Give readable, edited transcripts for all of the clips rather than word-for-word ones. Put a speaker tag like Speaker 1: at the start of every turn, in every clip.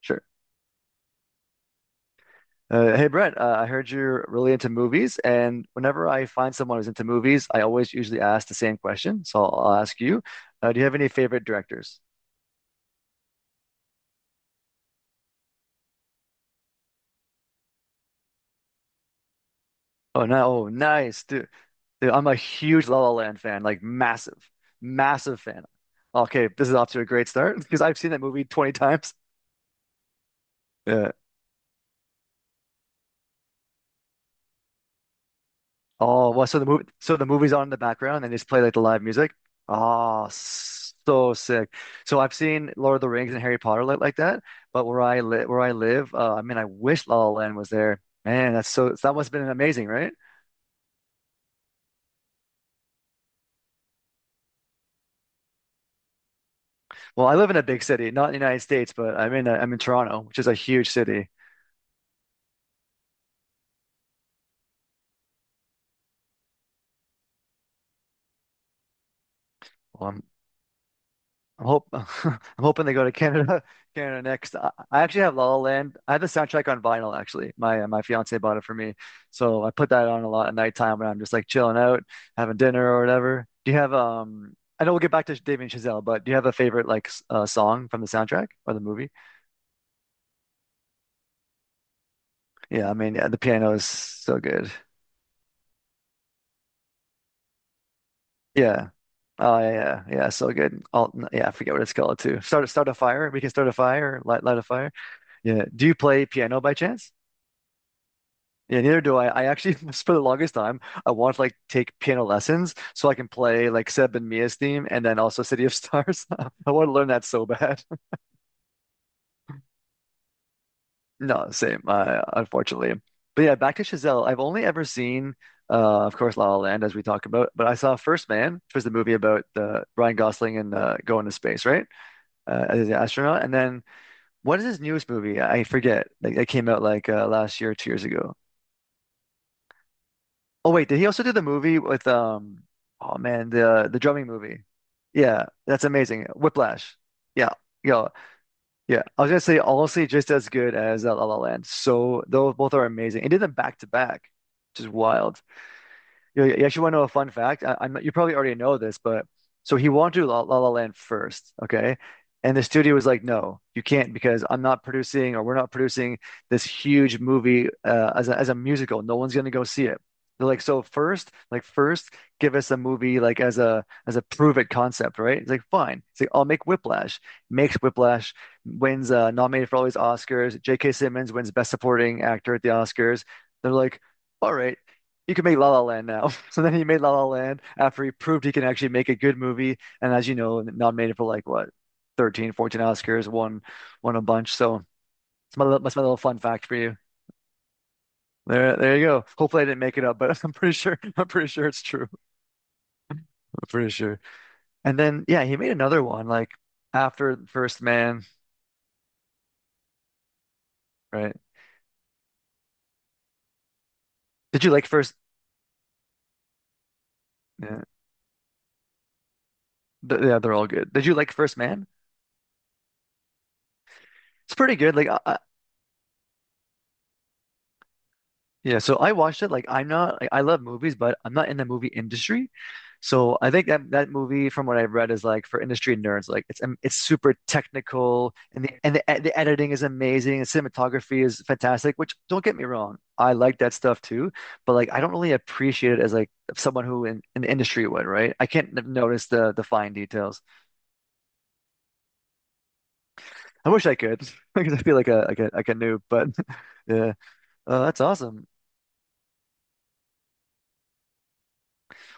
Speaker 1: Sure. Hey Brent, I heard you're really into movies, and whenever I find someone who's into movies, I always usually ask the same question. So I'll ask you, do you have any favorite directors? Oh no, oh nice, dude. Dude, I'm a huge La La Land fan, like massive, massive fan. Okay, this is off to a great start because I've seen that movie 20 times. Yeah. Oh, well, so the movie's on in the background and they just play like the live music. Oh, so sick. So I've seen Lord of the Rings and Harry Potter like that, but where I live, I mean, I wish La La Land was there. Man, that's so that must have been amazing, right? Well, I live in a big city, not in the United States, but I'm in Toronto, which is a huge city. Well, I'm hope I'm hoping they go to Canada Canada next. I actually have La La Land. I have the soundtrack on vinyl actually. My my fiance bought it for me, so I put that on a lot at nighttime when I'm just like chilling out, having dinner or whatever. Do you have? I know we'll get back to David and Chazelle, but do you have a favorite like song from the soundtrack or the movie? Yeah, I mean yeah, the piano is so good. Yeah. Oh yeah, yeah, yeah, so good. All yeah, I forget what it's called too. Start a fire. We can start a fire. Light a fire. Yeah. Do you play piano by chance? Yeah, neither do I. I actually, for the longest time, I wanted to like take piano lessons so I can play like Seb and Mia's theme and then also City of Stars. I want to learn that so bad. No, same, unfortunately. But yeah, back to Chazelle. I've only ever seen, of course, La La Land, as we talk about, but I saw First Man, which was the movie about the Ryan Gosling and going to space, right? As an astronaut. And then what is his newest movie? I forget. Like, it came out like last year, 2 years ago. Oh wait, did he also do the movie with oh man, the drumming movie? Yeah, that's amazing. Whiplash. Yeah. Yo, yeah. I was gonna say honestly just as good as La La Land. So those both are amazing. He did them back to back, which is wild. You actually want to know a fun fact? You probably already know this, but so he wanted to do La La La Land first, okay? And the studio was like, no, you can't because I'm not producing or we're not producing this huge movie as a musical. No one's going to go see it. They're like, so first, give us a movie like as a prove it concept, right? It's like fine. It's like I'll make Whiplash. Makes Whiplash, wins nominated for all these Oscars. J.K. Simmons wins Best Supporting Actor at the Oscars. They're like, all right, you can make La La Land now. So then he made La La Land after he proved he can actually make a good movie. And as you know, nominated for like what, 13, 14 Oscars, won a bunch. So that's my little fun fact for you. There you go. Hopefully I didn't make it up, but I'm pretty sure I'm pretty sure it's true. I'm pretty sure. And then yeah, he made another one like after First Man, right? Did you like First? Yeah, th yeah, they're all good. Did you like First Man? It's pretty good. Yeah, so I watched it. Like, I love movies, but I'm not in the movie industry. So I think that that movie, from what I've read, is like for industry nerds. Like, it's super technical, and the editing is amazing, and cinematography is fantastic. Which don't get me wrong, I like that stuff too. But like, I don't really appreciate it as like someone who in the industry would, right? I can't notice the fine details. I wish I could because I feel like a like a like a noob. But yeah, that's awesome.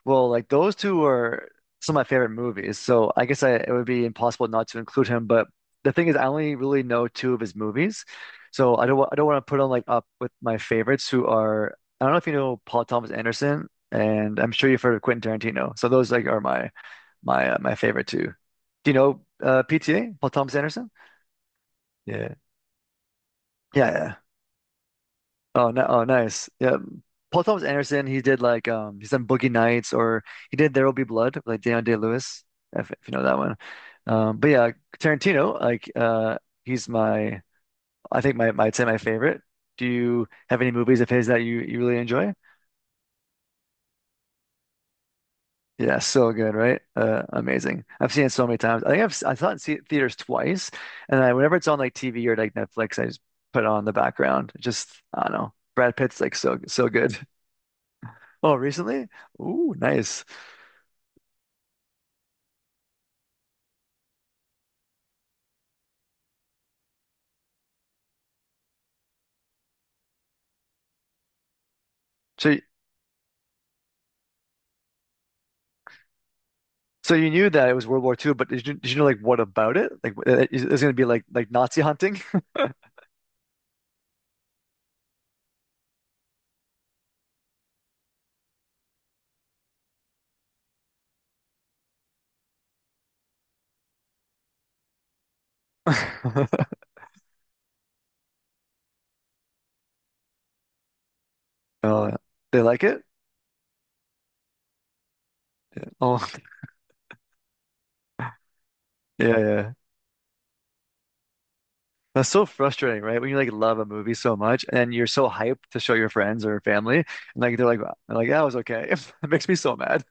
Speaker 1: Well, like those two are some of my favorite movies, so I guess it would be impossible not to include him. But the thing is, I only really know two of his movies, so I don't want to put him like up with my favorites, who are I don't know if you know Paul Thomas Anderson, and I'm sure you've heard of Quentin Tarantino. So those like are my favorite two. Do you know PTA, Paul Thomas Anderson? Yeah. Yeah, oh, no, oh, nice. Yeah, Paul Thomas Anderson. He did like he's done Boogie Nights, or he did There Will Be Blood, with like Daniel Day-Lewis, if you know that one. But yeah, Tarantino, like he's my, I think my, my, I'd say my favorite. Do you have any movies of his that you really enjoy? Yeah, so good, right? Amazing. I've seen it so many times. I think I've s- I saw it in the- theaters twice, and I whenever it's on like TV or like Netflix, I just put it on in the background. Just I don't know. Brad Pitt's like so good. Oh, recently? Ooh, nice. So, so you knew that it was World War Two, but did you know like what about it? Like, is it's going to be like Nazi hunting? Oh, they like it? Oh, yeah, yeah. That's so frustrating, right? When you like love a movie so much and you're so hyped to show your friends or family, and like they're like that was okay. It makes me so mad.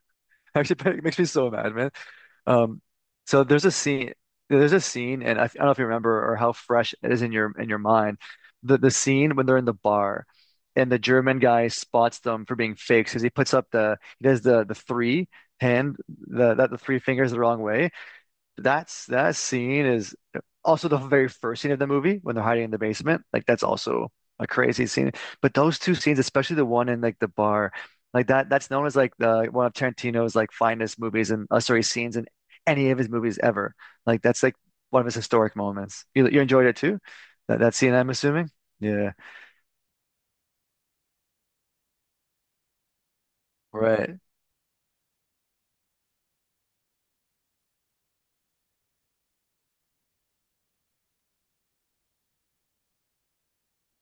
Speaker 1: Actually, it makes me so mad, man. Um, so there's a scene, and I don't know if you remember or how fresh it is in your mind. The scene when they're in the bar, and the German guy spots them for being fakes because he does the three hand the that the three fingers the wrong way, that's that scene is also the very first scene of the movie when they're hiding in the basement. Like that's also a crazy scene. But those two scenes, especially the one in like the bar, like that's known as like the one of Tarantino's like finest movies and sorry scenes in any of his movies ever. Like that's like one of his historic moments. You enjoyed it too? That that scene, I'm assuming. Yeah. Right.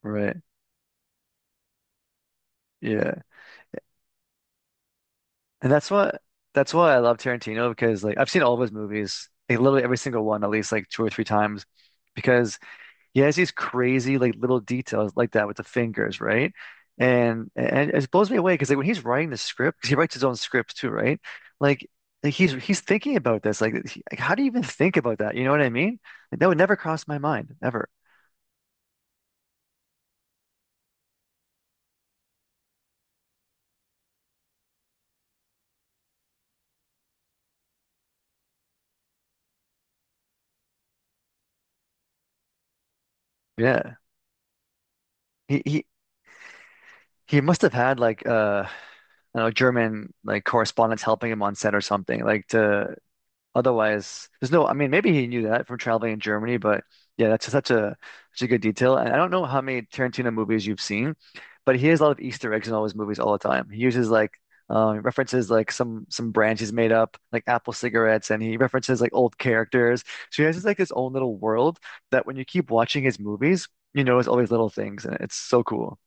Speaker 1: Right. Yeah. And that's what that's why I love Tarantino because like I've seen all of his movies, like literally every single one at least like two or three times because he has these crazy like little details like that with the fingers, right? And it blows me away because like when he's writing the script, because he writes his own script too, right? Like, like he's thinking about this. Like, how do you even think about that? You know what I mean? Like, that would never cross my mind ever. Yeah, he he he must have had like I don't know German like correspondents helping him on set or something like to otherwise, there's no, I mean, maybe he knew that from traveling in Germany, but yeah, that's such a such a good detail. And I don't know how many Tarantino movies you've seen, but he has a lot of Easter eggs in all his movies all the time. He uses like references like some brands he's made up, like Apple cigarettes, and he references like old characters. So he has this, like his own little world that when you keep watching his movies, you notice all these little things, and it's so cool.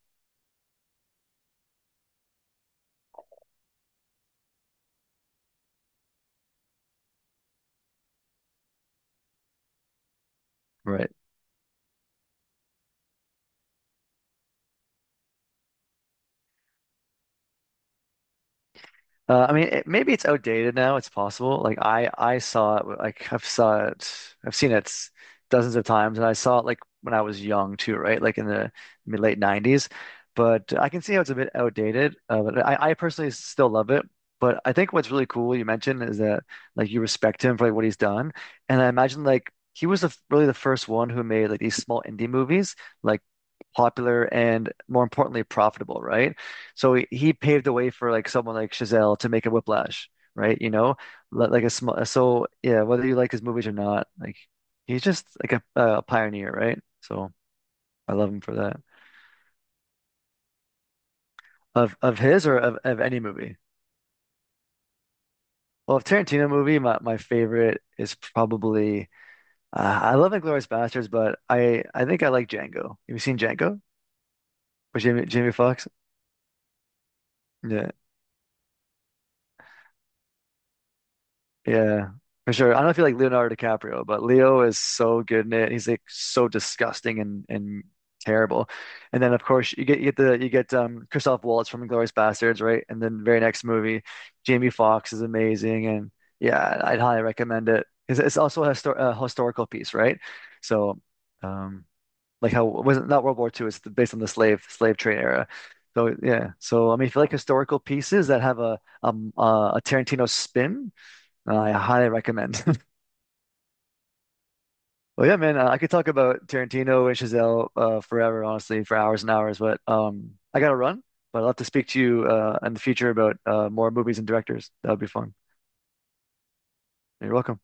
Speaker 1: Right. I mean, it, maybe it's outdated now. It's possible. Like I saw it. Like I've saw it. I've seen it dozens of times, and I saw it like when I was young too, right? Like in the mid late '90s. But I can see how it's a bit outdated. But I personally still love it. But I think what's really cool you mentioned is that like you respect him for like what he's done, and I imagine like he was really the first one who made like these small indie movies, like popular and more importantly profitable, right? So he paved the way for like someone like Chazelle to make a Whiplash, right? You know, li- like a small. So yeah, whether you like his movies or not, like he's just like a pioneer, right? So I love him for that. Of his or of any movie. Well, of Tarantino movie, my favorite is probably I love Inglourious Basterds, but I think I like Django. Have you seen Django with Jamie Foxx? Yeah. Yeah, for sure. I don't feel like Leonardo DiCaprio, but Leo is so good in it. He's like so disgusting and terrible. And then of course you get the you get Christoph Waltz from Inglourious Bastards, right? And then very next movie, Jamie Foxx is amazing, and yeah, I'd highly recommend it. It's also a, histor a historical piece, right? So, um, like how was not World War Two? It's based on the slave trade era. So yeah, so I mean, if you like historical pieces that have a Tarantino spin, I highly recommend. Well, yeah, man, I could talk about Tarantino and Chazelle forever, honestly, for hours and hours. But I gotta run. But I'd love to speak to you in the future about more movies and directors. That would be fun. You're welcome.